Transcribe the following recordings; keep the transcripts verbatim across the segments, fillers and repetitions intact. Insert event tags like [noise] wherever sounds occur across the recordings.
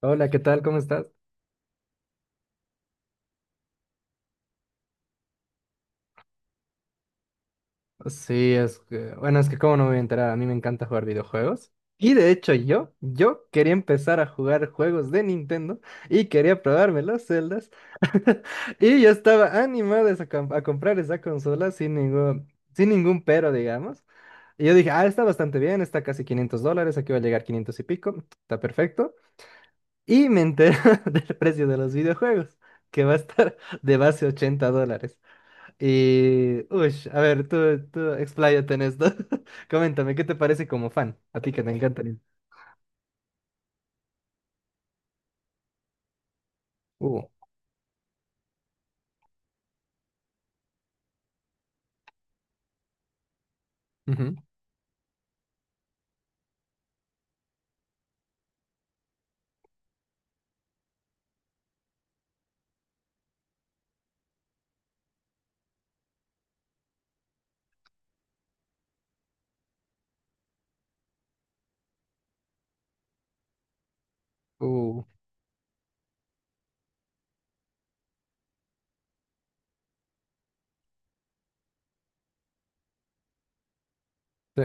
Hola, ¿qué tal? ¿Cómo estás? Sí, es que, bueno, es que cómo no me voy a enterar, a mí me encanta jugar videojuegos. Y de hecho yo, yo quería empezar a jugar juegos de Nintendo y quería probarme los celdas. [laughs] Y yo estaba animado a, esa com- a comprar esa consola sin ningún, sin ningún pero, digamos. Y yo dije, ah, está bastante bien, está casi quinientos dólares, aquí va a llegar quinientos y pico, está perfecto. Y me enteré [laughs] del precio de los videojuegos, que va a estar de base ochenta dólares. Y, uy, a ver, tú, tú expláyate en esto. [laughs] Coméntame, ¿qué te parece como fan? A ti que te encanta el- Uh, ujú, uh, sí,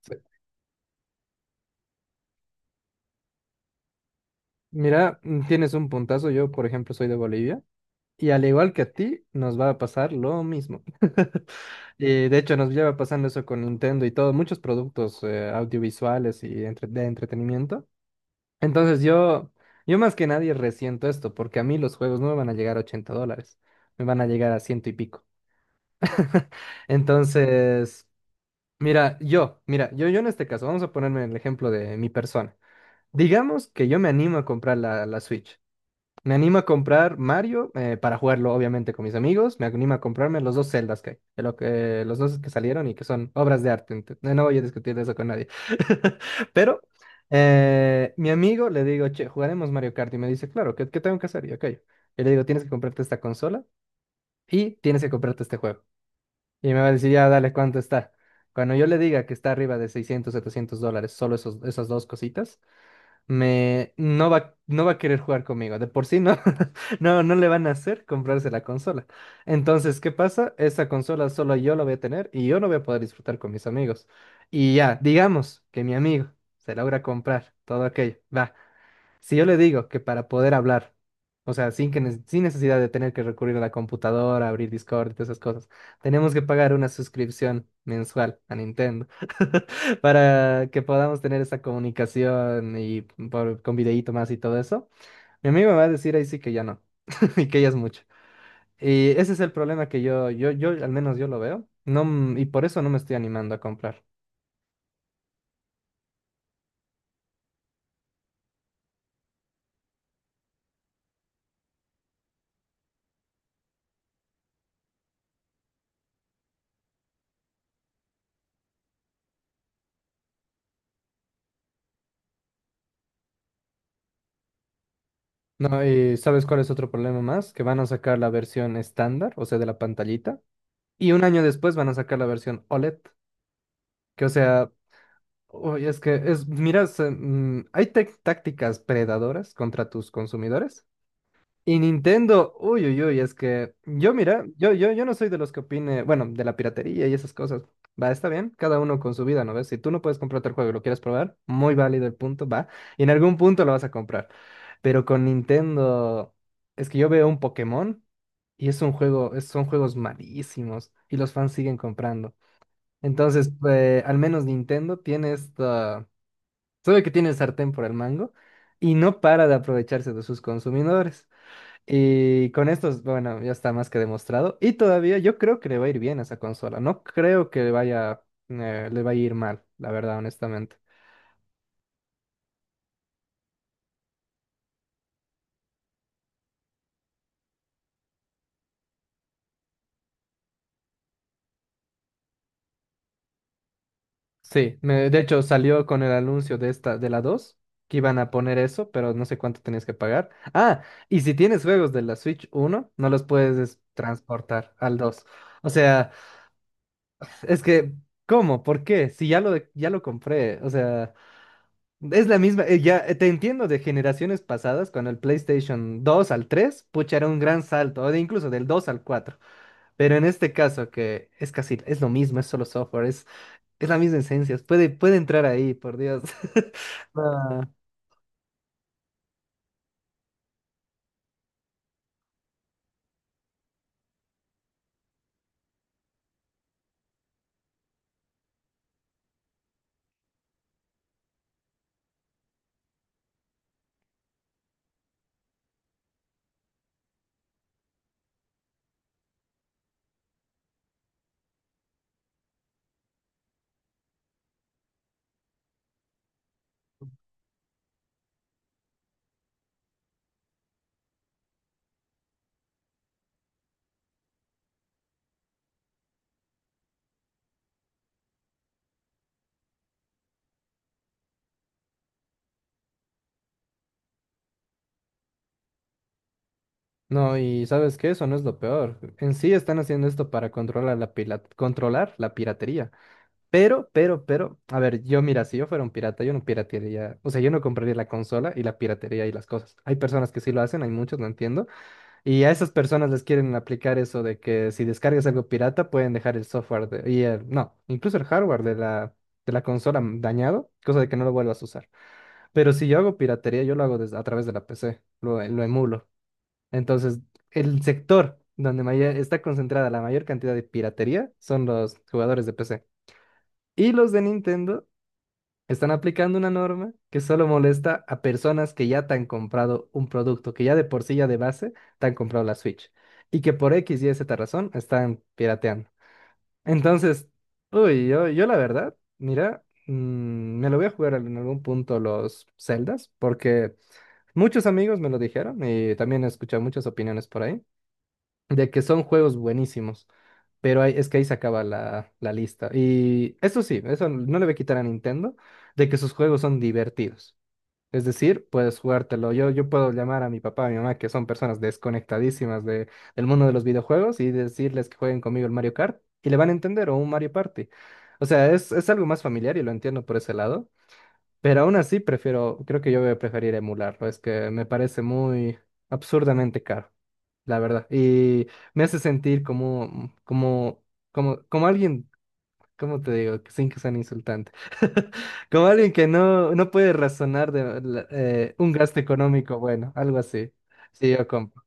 sí. Mira, mm, tienes un puntazo. Yo, por ejemplo, soy de Bolivia. Y al igual que a ti, nos va a pasar lo mismo. Y, de hecho, nos lleva pasando eso con Nintendo y todo, muchos productos eh, audiovisuales y entre- de entretenimiento. Entonces, yo, yo más que nadie resiento esto, porque a mí los juegos no me van a llegar a ochenta dólares, me van a llegar a ciento y pico. [laughs] Entonces, mira, yo, mira, yo, yo en este caso, vamos a ponerme el ejemplo de mi persona. Digamos que yo me animo a comprar la, la Switch. Me animo a comprar Mario, eh, para jugarlo, obviamente, con mis amigos. Me animo a comprarme los dos Zeldas que hay, de lo que, los dos que salieron y que son obras de arte. ent- No no voy a discutir de eso con nadie. [laughs] Pero, eh, mi amigo, le digo, che, jugaremos Mario Kart. Y me dice, claro, ¿qué, qué tengo que hacer? Y yo, ok. Y le digo, tienes que comprarte esta consola y tienes que comprarte este juego. Y me va a decir, ya, dale, ¿cuánto está? Cuando yo le diga que está arriba de seiscientos setecientos dólares, solo esos, esas dos cositas, me, no va, no va a querer jugar conmigo. De por sí no, [laughs] no, no le van a hacer comprarse la consola. Entonces, ¿qué pasa? Esa consola solo yo la voy a tener y yo no voy a poder disfrutar con mis amigos. Y ya, digamos que mi amigo se logra comprar todo aquello. Va. Si yo le digo que para poder hablar, o sea, sin que ne- sin necesidad de tener que recurrir a la computadora, abrir Discord y todas esas cosas, tenemos que pagar una suscripción mensual a Nintendo [laughs] para que podamos tener esa comunicación y por- con videíto más y todo eso. Mi amigo me va a decir ahí sí que ya no, [laughs] y que ya es mucho. Y ese es el problema que yo, yo, yo, al menos yo lo veo, no, m- y por eso no me estoy animando a comprar. No, y ¿sabes cuál es otro problema más? Que van a sacar la versión estándar, o sea, de la pantallita. Y un año después van a sacar la versión OLED, que o sea, uy, es que es, miras se- mm, hay tec- tácticas predadoras contra tus consumidores. Y Nintendo, uy, uy, uy, es que yo, mira, yo, yo, yo no soy de los que opine, bueno, de la piratería y esas cosas. Va, está bien, cada uno con su vida, ¿no ves? Si tú no puedes comprarte el juego y lo quieres probar, muy válido el punto, va. Y en algún punto lo vas a comprar. Pero con Nintendo, es que yo veo un Pokémon y es un juego, es- son juegos malísimos y los fans siguen comprando. Entonces, eh, al menos Nintendo tiene esta, sabe que tiene el sartén por el mango y no para de aprovecharse de sus consumidores. Y con esto, bueno, ya está más que demostrado. Y todavía yo creo que le va a ir bien a esa consola. No creo que vaya, eh, le vaya a ir mal, la verdad, honestamente. Sí, me- de hecho salió con el anuncio de esta, de la dos, que iban a poner eso, pero no sé cuánto tenías que pagar. Ah, y si tienes juegos de la Switch uno no los puedes transportar al dos. O sea... Es que, ¿cómo? ¿Por qué? Si ya lo, ya lo compré, o sea, es la misma, eh, ya, eh, te entiendo de generaciones pasadas, cuando el PlayStation dos al tres, pucha, era un gran salto, o de incluso del dos al cuatro, pero en este caso que es casi, es lo mismo, es solo software, es, es la misma esencia, puede, puede entrar ahí, por Dios. [laughs] Ah, no, y ¿sabes qué? Eso no es lo peor. En sí están haciendo esto para controlar la pila- controlar la piratería. Pero, pero, pero, a ver, yo, mira, si yo fuera un pirata, yo no piratearía, o sea, yo no compraría la consola y la piratería y las cosas. Hay personas que sí lo hacen, hay muchos, no entiendo. Y a esas personas les quieren aplicar eso de que si descargas algo pirata pueden dejar el software, de- y el, no, incluso el hardware de la, de la consola dañado, cosa de que no lo vuelvas a usar. Pero si yo hago piratería, yo lo hago desde, a través de la P C, lo, lo emulo. Entonces, el sector donde mayor- está concentrada la mayor cantidad de piratería son los jugadores de P C. Y los de Nintendo están aplicando una norma que solo molesta a personas que ya te han comprado un producto, que ya de por sí, ya de base, te han comprado la Switch. Y que por X y Z razón están pirateando. Entonces, uy, yo, yo la verdad, mira, mm, me lo voy a jugar en algún punto los Zeldas, porque muchos amigos me lo dijeron y también he escuchado muchas opiniones por ahí de que son juegos buenísimos, pero ahí- es que ahí se acaba la, la lista. Y eso sí, eso no le voy a quitar a Nintendo, de que sus juegos son divertidos. Es decir, puedes jugártelo. Yo, yo puedo llamar a mi papá, a mi mamá, que son personas desconectadísimas de, del mundo de los videojuegos, y decirles que jueguen conmigo el Mario Kart, y le van a entender, o un Mario Party. O sea, es, es algo más familiar y lo entiendo por ese lado, pero aún así prefiero, creo que yo voy a preferir emularlo, es que me parece muy absurdamente caro, la verdad. Y me hace sentir como, como, como, como, alguien, ¿cómo te digo? Sin que sean insultante. [laughs] Como alguien que no, no puede razonar de la- eh, un gasto económico, bueno, algo así. Sí, yo compro.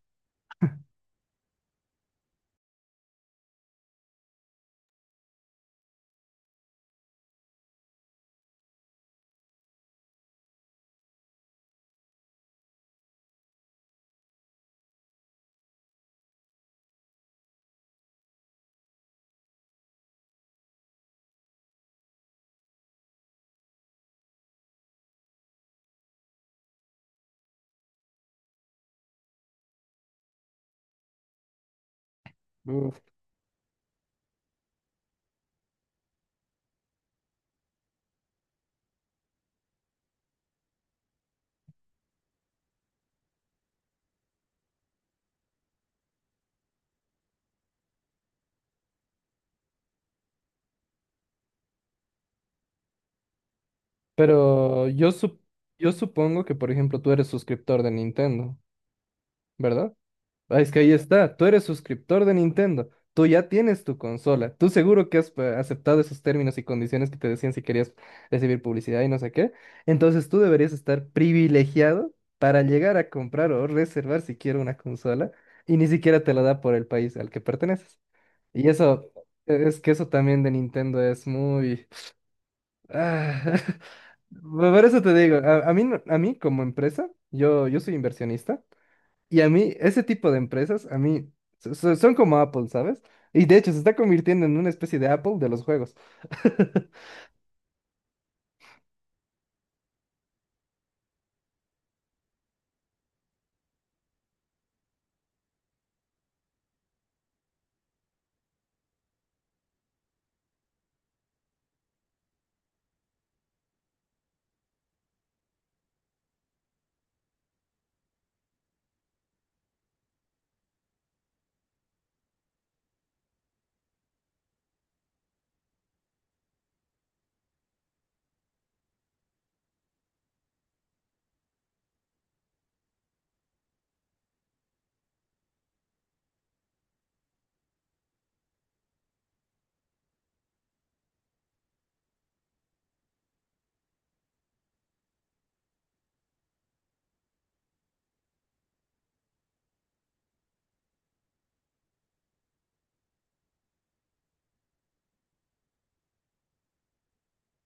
Uf. Pero yo, sup- yo supongo que, por ejemplo, tú eres suscriptor de Nintendo, ¿verdad? Ah, es que ahí está, tú eres suscriptor de Nintendo, tú ya tienes tu consola, tú seguro que has, eh, aceptado esos términos y condiciones que te decían si querías recibir publicidad y no sé qué. Entonces, tú deberías estar privilegiado para llegar a comprar o reservar siquiera una consola y ni siquiera te la da por el país al que perteneces. Y eso, eh, es que eso también de Nintendo es muy... Ah, [laughs] por eso te digo, a, a mí, no- a mí, como empresa, yo, yo soy inversionista. Y a mí, ese tipo de empresas, a mí, so- so- son como Apple, ¿sabes? Y de hecho, se está convirtiendo en una especie de Apple de los juegos. [laughs]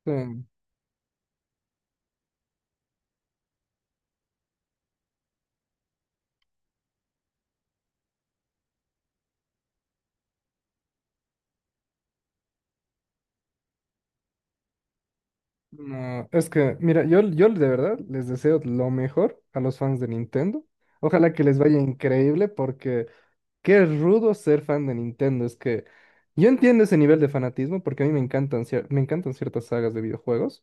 Sí, no, es que, mira, yo, yo de verdad les deseo lo mejor a los fans de Nintendo. Ojalá que les vaya increíble porque qué rudo ser fan de Nintendo. Es que yo entiendo ese nivel de fanatismo porque a mí me encantan, cier- me encantan ciertas sagas de videojuegos,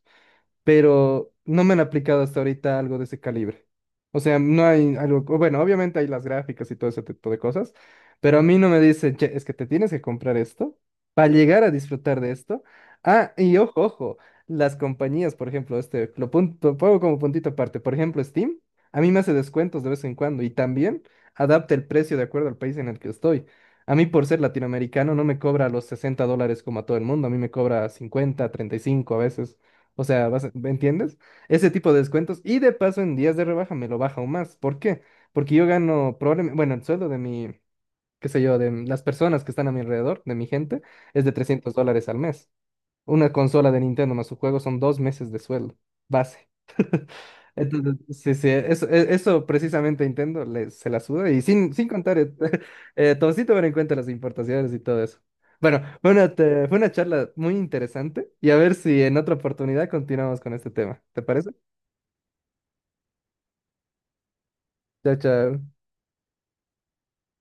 pero no me han aplicado hasta ahorita algo de ese calibre. O sea, no hay algo, o bueno, obviamente hay las gráficas y todo ese tipo de cosas, pero a mí no me dicen, che, es que te tienes que comprar esto para llegar a disfrutar de esto. Ah, y ojo, ojo, las compañías, por ejemplo, este, lo punto, pongo como puntito aparte, por ejemplo, Steam, a mí me hace descuentos de vez en cuando y también adapta el precio de acuerdo al país en el que estoy. A mí, por ser latinoamericano, no me cobra los sesenta dólares como a todo el mundo, a mí me cobra cincuenta, treinta y cinco a veces. O sea, vas a- ¿me entiendes? Ese tipo de descuentos. Y de paso, en días de rebaja me lo baja aún más. ¿Por qué? Porque yo gano probablemente, bueno, el sueldo de mi, qué sé yo, de las personas que están a mi alrededor, de mi gente, es de trescientos dólares al mes. Una consola de Nintendo más su juego son dos meses de sueldo. Base. Entonces, sí, sí, eso, e- eso precisamente Nintendo, le- se la suda, y sin, sin contar, eh, [laughs] eh, todo sí tomar en cuenta las importaciones y todo eso. Bueno, fue una, te- fue una charla muy interesante y a ver si en otra oportunidad continuamos con este tema. ¿Te parece? Chao, chao.